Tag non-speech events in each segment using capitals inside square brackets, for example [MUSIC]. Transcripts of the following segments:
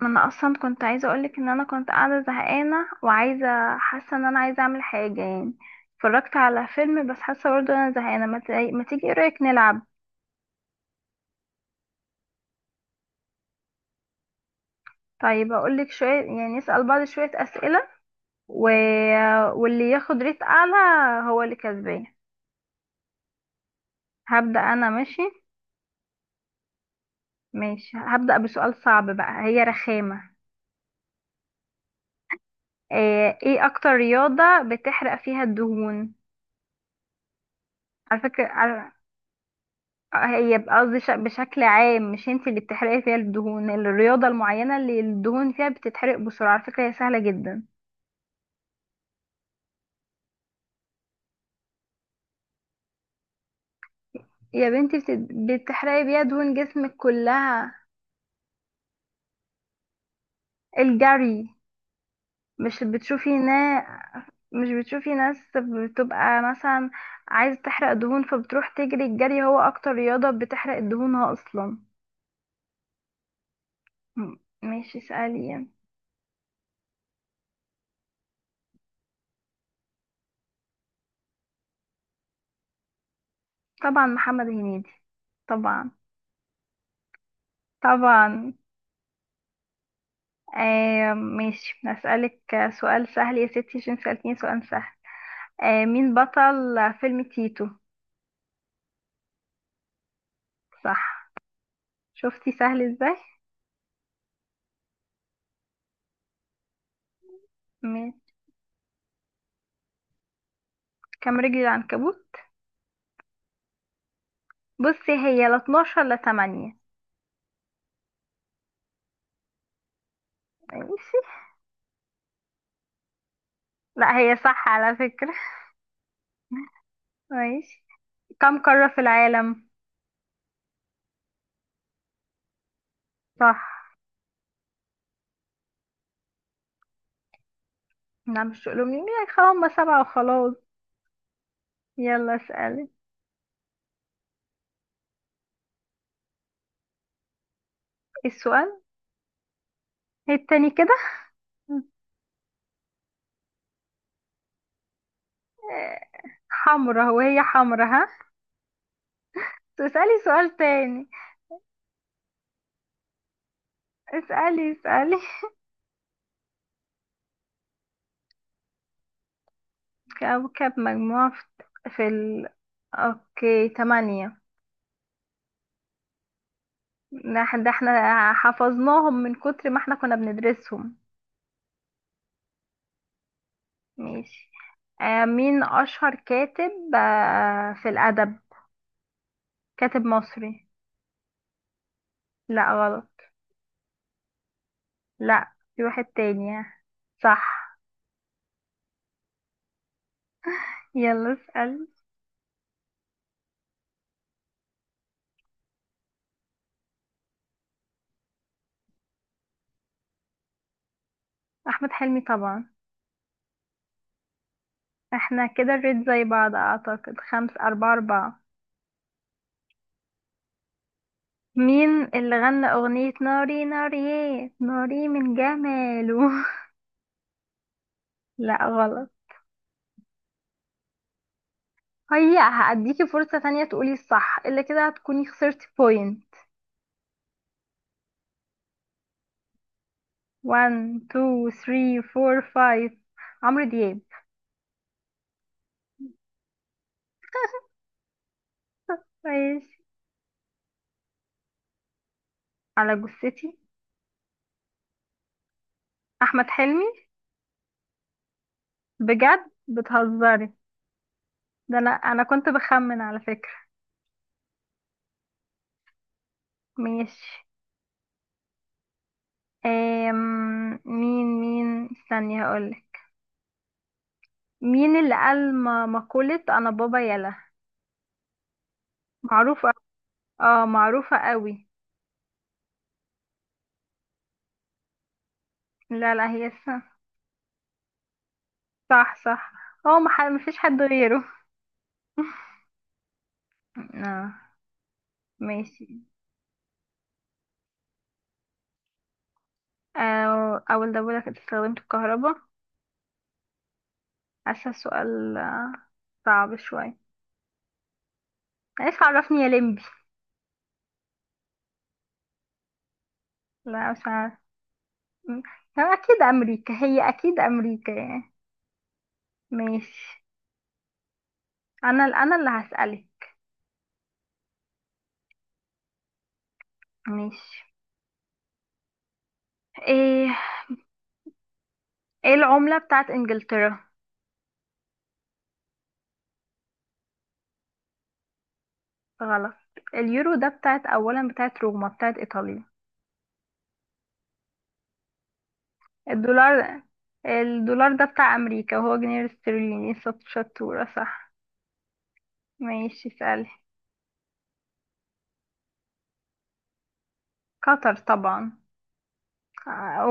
ما انا اصلا كنت عايزه اقولك ان انا كنت قاعده زهقانه وعايزه حاسه ان انا عايزه اعمل حاجه يعني. اتفرجت على فيلم بس حاسه برضه انا زهقانه. ما تيجي، ايه رايك نلعب؟ طيب اقولك، شويه يعني نسال بعض شويه اسئله و... واللي ياخد ريت اعلى هو اللي كسبان. هبدا انا. ماشي، ماشي. هبدا بسؤال صعب بقى، هي رخامه. ايه اكتر رياضه بتحرق فيها الدهون؟ على فكره، هي بقى قصدي بشكل عام مش انت اللي بتحرقي فيها الدهون، الرياضة المعينة اللي الدهون فيها بتتحرق بسرعة. على فكرة، هي سهلة جدا. يا بنتي بتحرقي بيها دهون جسمك كلها. الجري. مش بتشوفي ناس؟ مش بتشوفي ناس بتبقى مثلا عايزة تحرق دهون فبتروح تجري؟ الجري هو اكتر رياضة بتحرق دهونها اصلا. م- ماشي، اسألي يعني. طبعا محمد هنيدي، طبعا طبعا. آه ماشي، هسألك سؤال سهل يا ستي عشان سألتيني سؤال سهل. آه، مين بطل فيلم تيتو؟ صح. شفتي سهل ازاي. م- كام رجل العنكبوت؟ بصي، هي لا 12 لا 8. ماشي. لا هي صح على فكرة. ماشي، كم قارة في العالم؟ صح. لا مش تقولوا لي، هم سبعة وخلاص. يلا اسألي. السؤال التاني كده. آه، حمرا وهي حمرا ها. اسألي سؤال تاني. اسألي اسألي. كوكب مجموعة في في ال... اوكي تمانية. ده احنا حفظناهم من كتر ما احنا كنا بندرسهم. ماشي. آه مين أشهر كاتب آه في الأدب، كاتب مصري؟ لا غلط. لا في واحد تاني. صح. يلا اسأل. أحمد حلمي طبعا. احنا كده الريت زي بعض أعتقد، خمس أربعة أربعة. مين اللي غنى أغنية ناري ناري؟ ناري من جماله. [LAUGHS] لا غلط. هي هأديكي فرصة تانية تقولي الصح، إلا كده هتكوني خسرتي بوينت. 1 2 3 4 5. عمرو دياب. ماشي. على جثتي. أحمد حلمي. بجد بتهزري. ده أنا أنا كنت بخمن على فكرة. ماشي. مين استني هقولك. مين اللي قال مقولة أنا بابا يلا؟ معروفة. اه معروفة قوي. لا لا، هي صح. صح صح. هو مفيش حد غيره. [LAUGHS] آه. ماشي. أو أول دولة كانت استخدمت الكهرباء؟ حاسة السؤال آه، صعب شوية. عايز عرفني يا لمبي. لا مش عارف. م- هو أكيد أمريكا، هي أكيد أمريكا يعني. ماشي. أنا أنا اللي هسألك. ماشي. إيه، العملة بتاعت إنجلترا؟ غلط. اليورو ده بتاعت أولا بتاعت روما، بتاعت إيطاليا. الدولار. الدولار ده بتاع أمريكا، وهو جنيه استرليني. شطورة، صح. ماشي اسألي. قطر طبعا.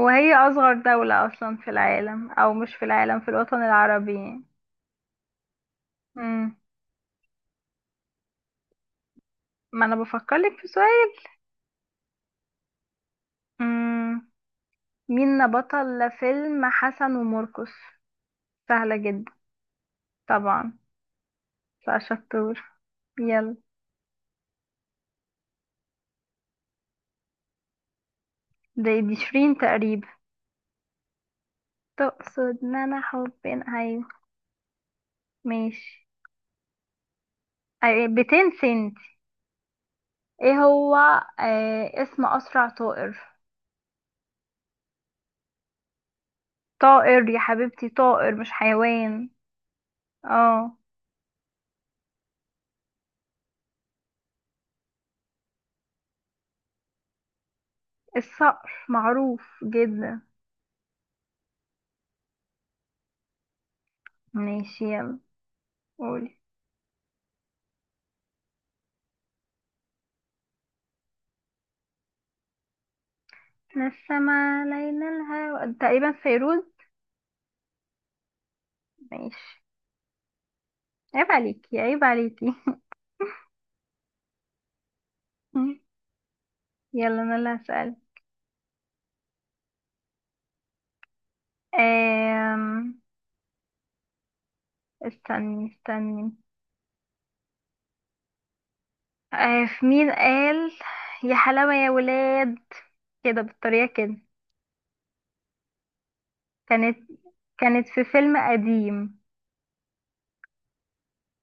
وهي أصغر دولة أصلا في العالم، أو مش في العالم، في الوطن العربي يعني. مم. ما أنا بفكرلك في سؤال. مم. مين بطل فيلم حسن ومرقص؟ سهلة جدا. طبعا. بقى شطور. يلا. دي شيرين تقريبا. تقصد ان انا حبين، ايوه. ماشي. أيوة، 200 سنت. ايه هو، آه اسم اسرع طائر؟ طائر يا حبيبتي، طائر مش حيوان. اه. الصقر معروف جدا. ماشي يلا. قولي. من السما لينا الهوى تقريبا، فيروز. ماشي. عيب عليكي، عيب عليكي. [LAUGHS] يلا انا اللي هسأل. أم... استني استني. أه، في مين قال يا حلاوة يا ولاد، كده بالطريقة كده؟ كانت، كانت في فيلم قديم.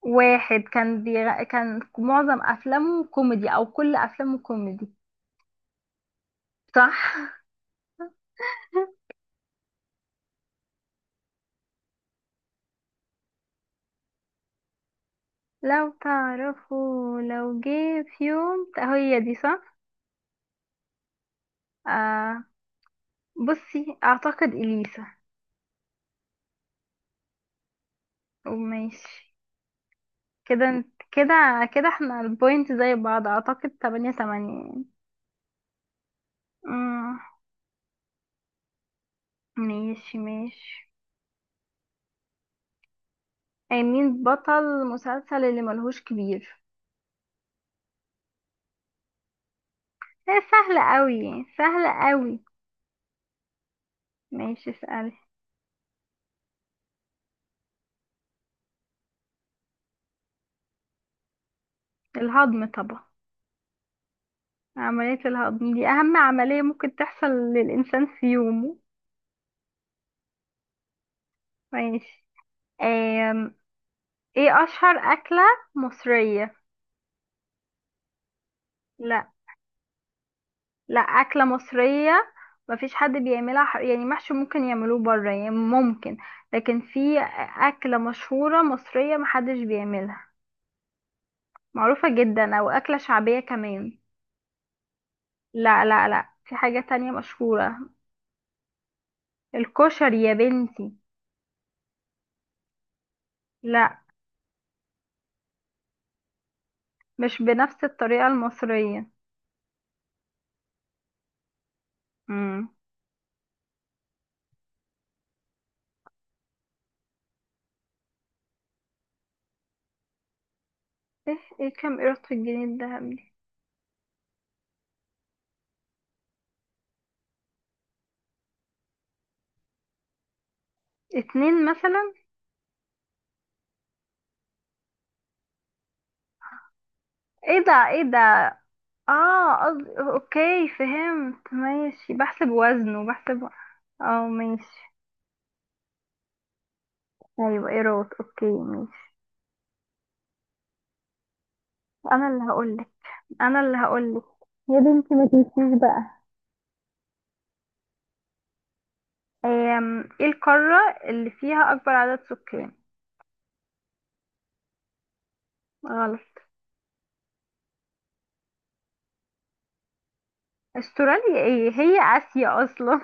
واحد كان كان معظم أفلامه كوميدي، أو كل أفلامه كوميدي. صح. [LAUGHS] لو تعرفوا لو جه في يوم، هي دي صح. آه. بصي، اعتقد اليسا. وماشي. كده، كده احنا البوينت زي بعض اعتقد، تمانية تمانية يعني. مم، ماشي ماشي. أي مين بطل مسلسل اللي ملهوش كبير؟ هي سهلة قوي، سهلة قوي. ماشي اسألي. الهضم طبعا. عملية الهضم دي أهم عملية ممكن تحصل للإنسان في يومه. ماشي. ايه اشهر اكلة مصرية؟ لا. لا اكلة مصرية. مفيش حد بيعملها يعني محشي ممكن يعملوه بره يعني ممكن. لكن في اكلة مشهورة مصرية محدش بيعملها، معروفة جدا، او اكلة شعبية كمان. لا لا لا، في حاجة تانية مشهورة. الكشري يا بنتي. لا، مش بنفس الطريقة المصرية. امم. ايه كام قيرة الجنيه الدهب دي؟ اتنين مثلا. ايه ده، ايه ده. اه اوكي فهمت ماشي، بحسب وزنه، بحسب. اه ماشي. ايوه ايروت، اوكي ماشي. انا اللي هقولك، انا اللي هقولك. يا بنتي ما تنسيش بقى. أم، ايه القارة اللي فيها اكبر عدد سكان؟ غلط. استراليا، ايه هي اسيا اصلا.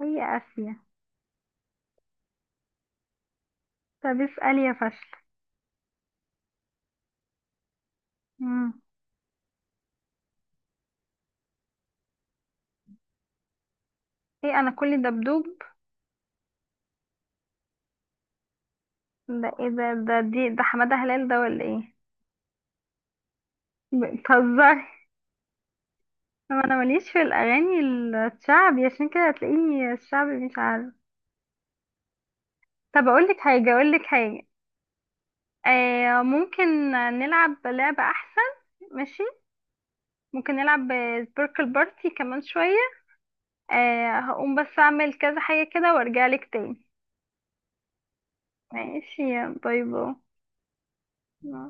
[LAUGHS] هي اسيا. طب اسألي يا فشل. مم. ايه انا كل دبدوب؟ ده ايه ده، ده دي ده حمادة هلال ده ولا ايه؟ بتهزري. هو انا ماليش في الاغاني الشعبي، عشان كده هتلاقيني الشعبي مش عارف. طب اقول لك حاجه، اقول لك حاجه. آه ممكن نلعب لعبه احسن. ماشي. ممكن نلعب سبيركل بارتي كمان شويه. آه هقوم بس اعمل كذا حاجه كده، وارجع لك تاني. ماشي. باي. باي